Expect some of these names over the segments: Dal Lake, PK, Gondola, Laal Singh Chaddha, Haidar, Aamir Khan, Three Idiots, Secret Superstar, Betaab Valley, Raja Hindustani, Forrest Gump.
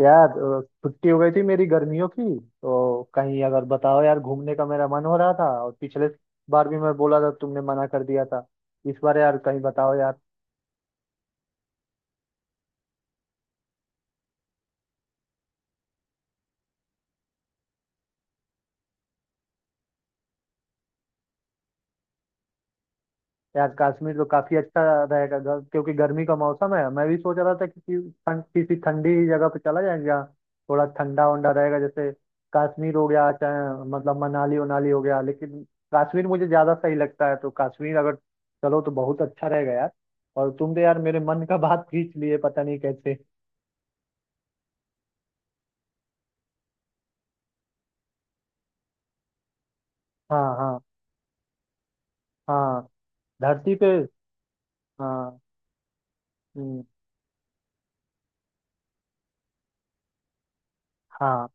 यार छुट्टी हो गई थी मेरी गर्मियों की। तो कहीं अगर बताओ यार, घूमने का मेरा मन हो रहा था और पिछले बार भी मैं बोला था, तुमने मना कर दिया था। इस बार यार कहीं बताओ यार। यार कश्मीर तो काफी अच्छा रहेगा, क्योंकि गर्मी का मौसम है। मैं भी सोच रहा था किसी ठंडी जगह पे चला जाएगा जहाँ थोड़ा ठंडा वंडा रहेगा, जैसे कश्मीर हो गया, चाहे मतलब मनाली उनाली हो गया, लेकिन कश्मीर मुझे ज्यादा सही लगता है। तो कश्मीर अगर चलो तो बहुत अच्छा रहेगा यार। और तुम तो यार मेरे मन का बात खींच लिए, पता नहीं कैसे। हाँ हाँ हाँ। धरती पे। हाँ। हम्म, हाँ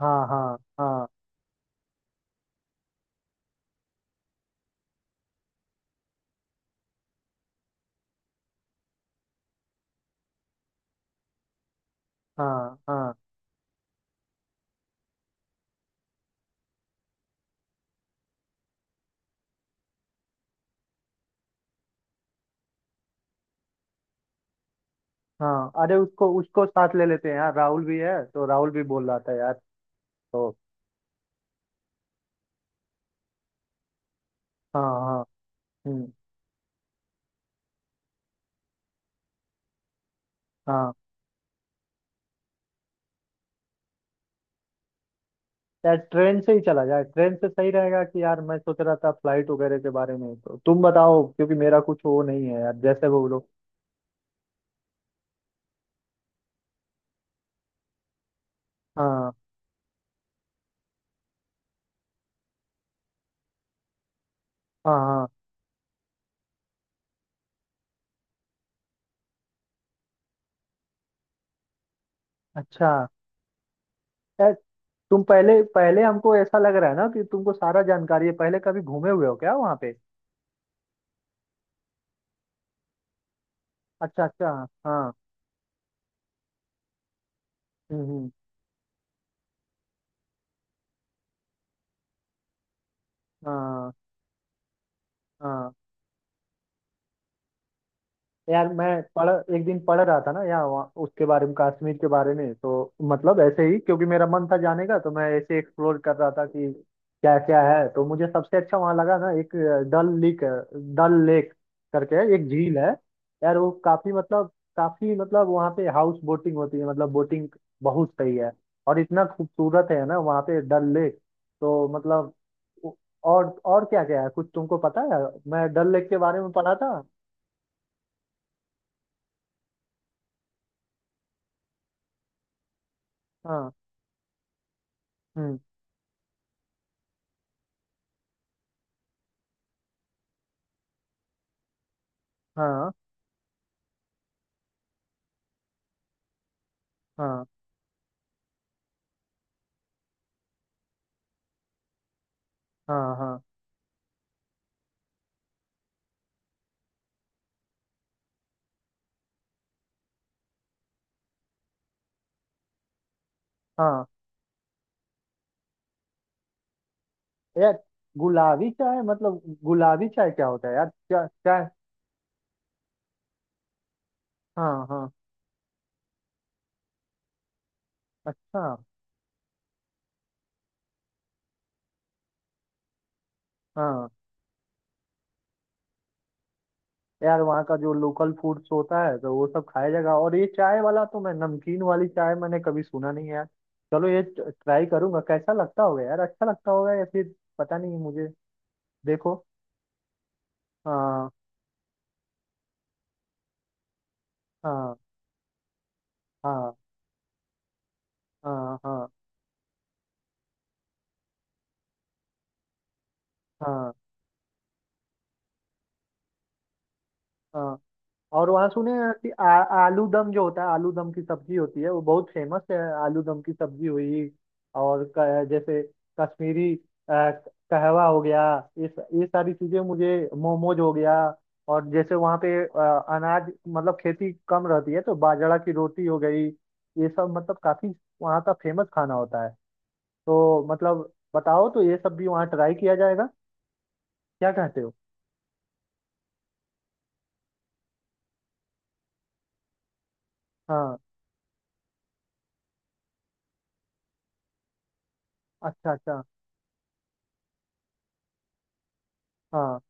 हाँ हाँ। हाँ हाँ हाँ। हाँ, अरे उसको उसको साथ ले लेते हैं यार, राहुल भी है, तो राहुल भी बोल रहा था यार। तो हाँ हाँ। हम्म। हाँ, यार ट्रेन से ही चला जाए, ट्रेन से सही रहेगा। कि यार मैं सोच रहा था फ्लाइट वगैरह के बारे में, तो तुम बताओ, क्योंकि मेरा कुछ वो नहीं है यार जैसे वो लोग। हाँ हाँ हाँ। अच्छा, यार तुम पहले पहले हमको ऐसा लग रहा है ना कि तुमको सारा जानकारी है, पहले कभी घूमे हुए हो क्या वहाँ पे? अच्छा अच्छा। हाँ। हम्म। हाँ हाँ। यार मैं पढ़ एक दिन पढ़ रहा था ना यहाँ वहाँ उसके बारे में, कश्मीर के बारे में, तो मतलब ऐसे ही, क्योंकि मेरा मन था जाने का, तो मैं ऐसे एक्सप्लोर कर रहा था कि क्या क्या है। तो मुझे सबसे अच्छा वहाँ लगा ना एक डल लेक है, डल लेक करके एक झील है। यार वो काफी मतलब, काफी मतलब वहाँ पे हाउस बोटिंग होती है, मतलब बोटिंग बहुत सही है। और इतना खूबसूरत है ना वहाँ पे डल लेक, तो मतलब और क्या क्या है कुछ तुमको पता है? मैं डल लेक के बारे में पढ़ा था। हाँ हम्म। हाँ हाँ हाँ हाँ। हाँ यार, गुलाबी चाय मतलब गुलाबी चाय क्या होता है यार? चाय चाय। हाँ हाँ। अच्छा। हाँ, यार वहाँ का जो लोकल फूड्स होता है तो वो सब खाया जाएगा। और ये चाय वाला, तो मैं नमकीन वाली चाय मैंने कभी सुना नहीं है यार। चलो ये ट्राई करूंगा, कैसा लगता होगा यार, अच्छा लगता होगा या फिर पता नहीं मुझे। देखो। हाँ। हाँ हाँ। हाँ हाँ हाँ हाँ। और वहाँ सुने हैं कि आलू दम जो होता है, आलू दम की सब्जी होती है, वो बहुत फेमस है। आलू दम की सब्जी हुई। और जैसे कश्मीरी अ, कहवा हो गया, ये सारी चीजें, मुझे मोमोज हो गया, और जैसे वहाँ पे अनाज मतलब खेती कम रहती है तो बाजरा की रोटी हो गई, ये सब मतलब काफी वहाँ का फेमस खाना होता है। तो मतलब बताओ तो ये सब भी वहाँ ट्राई किया जाएगा, क्या कहते हो? हाँ। अच्छा अच्छा। हाँ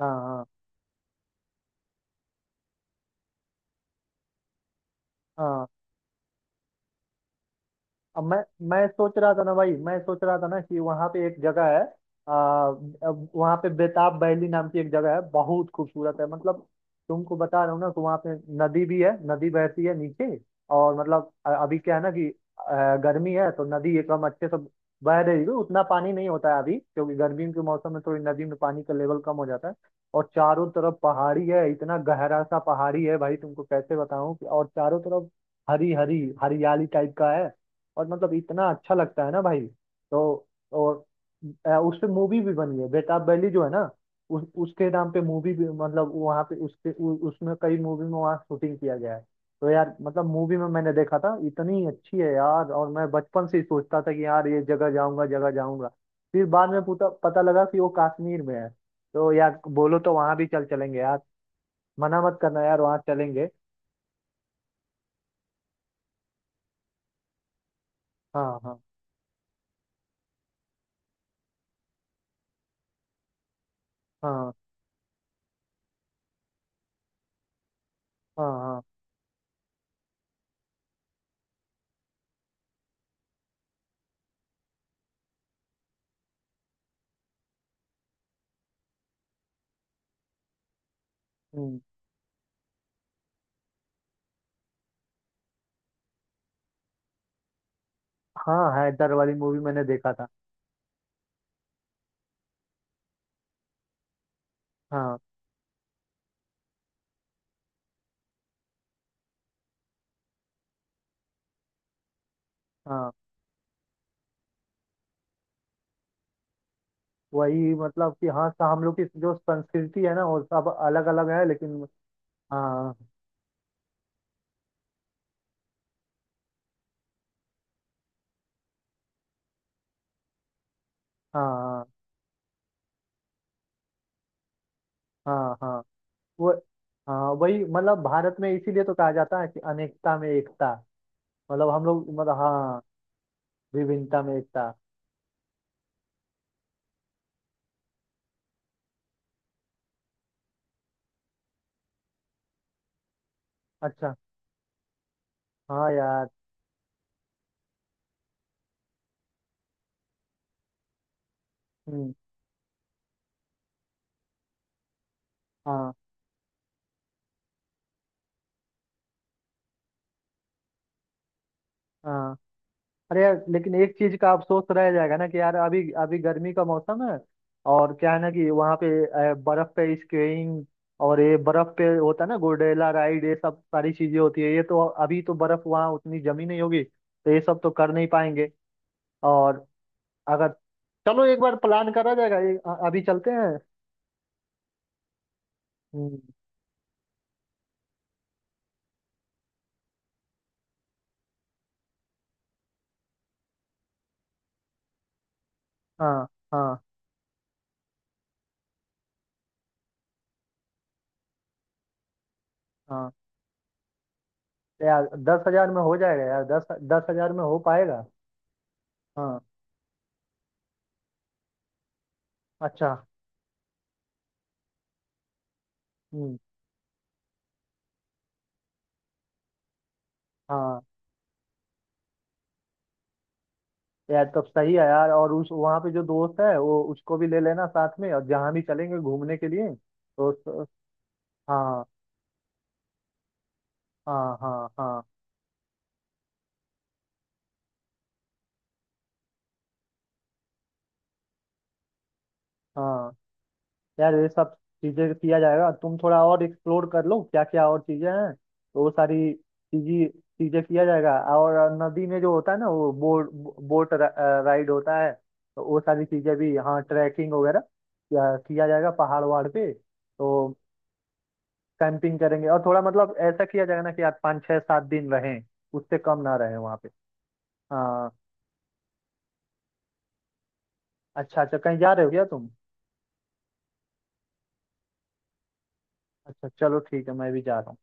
हाँ हाँ हाँ। अब मैं सोच रहा था ना भाई, मैं सोच रहा था ना कि वहाँ पे एक जगह है, अब वहाँ पे बेताब बैली नाम की एक जगह है, बहुत खूबसूरत है मतलब। तुमको बता रहा हूँ ना कि वहाँ पे नदी भी है, नदी बहती है नीचे। और मतलब अभी क्या है ना कि गर्मी है तो नदी एकदम अच्छे से बह रही है, उतना पानी नहीं होता है अभी, क्योंकि गर्मियों के मौसम में थोड़ी नदी में पानी का लेवल कम हो जाता है। और चारों तरफ पहाड़ी है, इतना गहरा सा पहाड़ी है भाई, तुमको कैसे बताऊं, कि और चारों तरफ हरी हरी हरियाली टाइप का है। और मतलब इतना अच्छा लगता है ना भाई। तो और उस पे मूवी भी बनी है, बेताब बैली जो है ना, उस उसके नाम पे मूवी भी, मतलब वहाँ पे उसमें कई मूवी में वहाँ शूटिंग किया गया है। तो यार मतलब मूवी में मैंने देखा था इतनी अच्छी है यार। और मैं बचपन से ही सोचता था कि यार ये जगह जाऊंगा, जगह जाऊंगा। फिर बाद में पता पता लगा कि वो कश्मीर में है। तो यार बोलो तो वहां भी चल चलेंगे यार, मना मत करना यार, वहां चलेंगे। हाँ हाँ हाँ हाँ हाँ। हम्म। हाँ, हैदर वाली मूवी मैंने देखा था। हाँ हाँ, वही मतलब कि हाँ हम लोग की जो संस्कृति है ना वो सब अलग अलग है, लेकिन हाँ हाँ। हाँ हाँ। वो। हाँ वही मतलब, भारत में इसीलिए तो कहा जाता है कि अनेकता में एकता। मतलब हम लोग मतलब, हाँ विभिन्नता में एकता। अच्छा। हाँ यार। हम्म। हाँ हाँ। अरे यार लेकिन एक चीज का अफसोस रह जाएगा ना कि यार अभी अभी गर्मी का मौसम है। और क्या है ना कि वहाँ पे बर्फ पे स्कीइंग, और ये बर्फ पे होता है ना गोंडेला राइड, ये सब सारी चीजें होती है, ये तो अभी तो बर्फ वहाँ उतनी जमी नहीं होगी तो ये सब तो कर नहीं पाएंगे। और अगर चलो एक बार प्लान करा जाएगा, ये अभी चलते हैं। हम्म। हाँ हाँ हाँ। यार 10,000 में हो जाएगा यार? दस 10,000 में हो पाएगा? हाँ। अच्छा। हम्म। हाँ, यार तब सही है यार। और उस वहाँ पे जो दोस्त है, वो उसको भी ले लेना साथ में, और जहाँ भी चलेंगे घूमने के लिए तो हाँ हाँ हाँ हाँ। हाँ, यार ये सब चीजें किया जाएगा, तुम थोड़ा और एक्सप्लोर कर लो क्या क्या और चीजें हैं, तो वो सारी चीजें चीजें किया जाएगा। और नदी में जो होता है ना वो बोट बोट राइड होता है, तो वो सारी चीजें भी, हाँ ट्रैकिंग वगैरह किया किया जाएगा पहाड़ वहाड़ पे। तो कैंपिंग करेंगे और थोड़ा मतलब ऐसा किया जाएगा ना कि यार 5, 6, 7 दिन रहें, उससे कम ना रहें वहाँ पे। हाँ। अच्छा अच्छा, कहीं जा रहे हो क्या तुम? अच्छा चलो ठीक है, मैं भी जा रहा हूँ।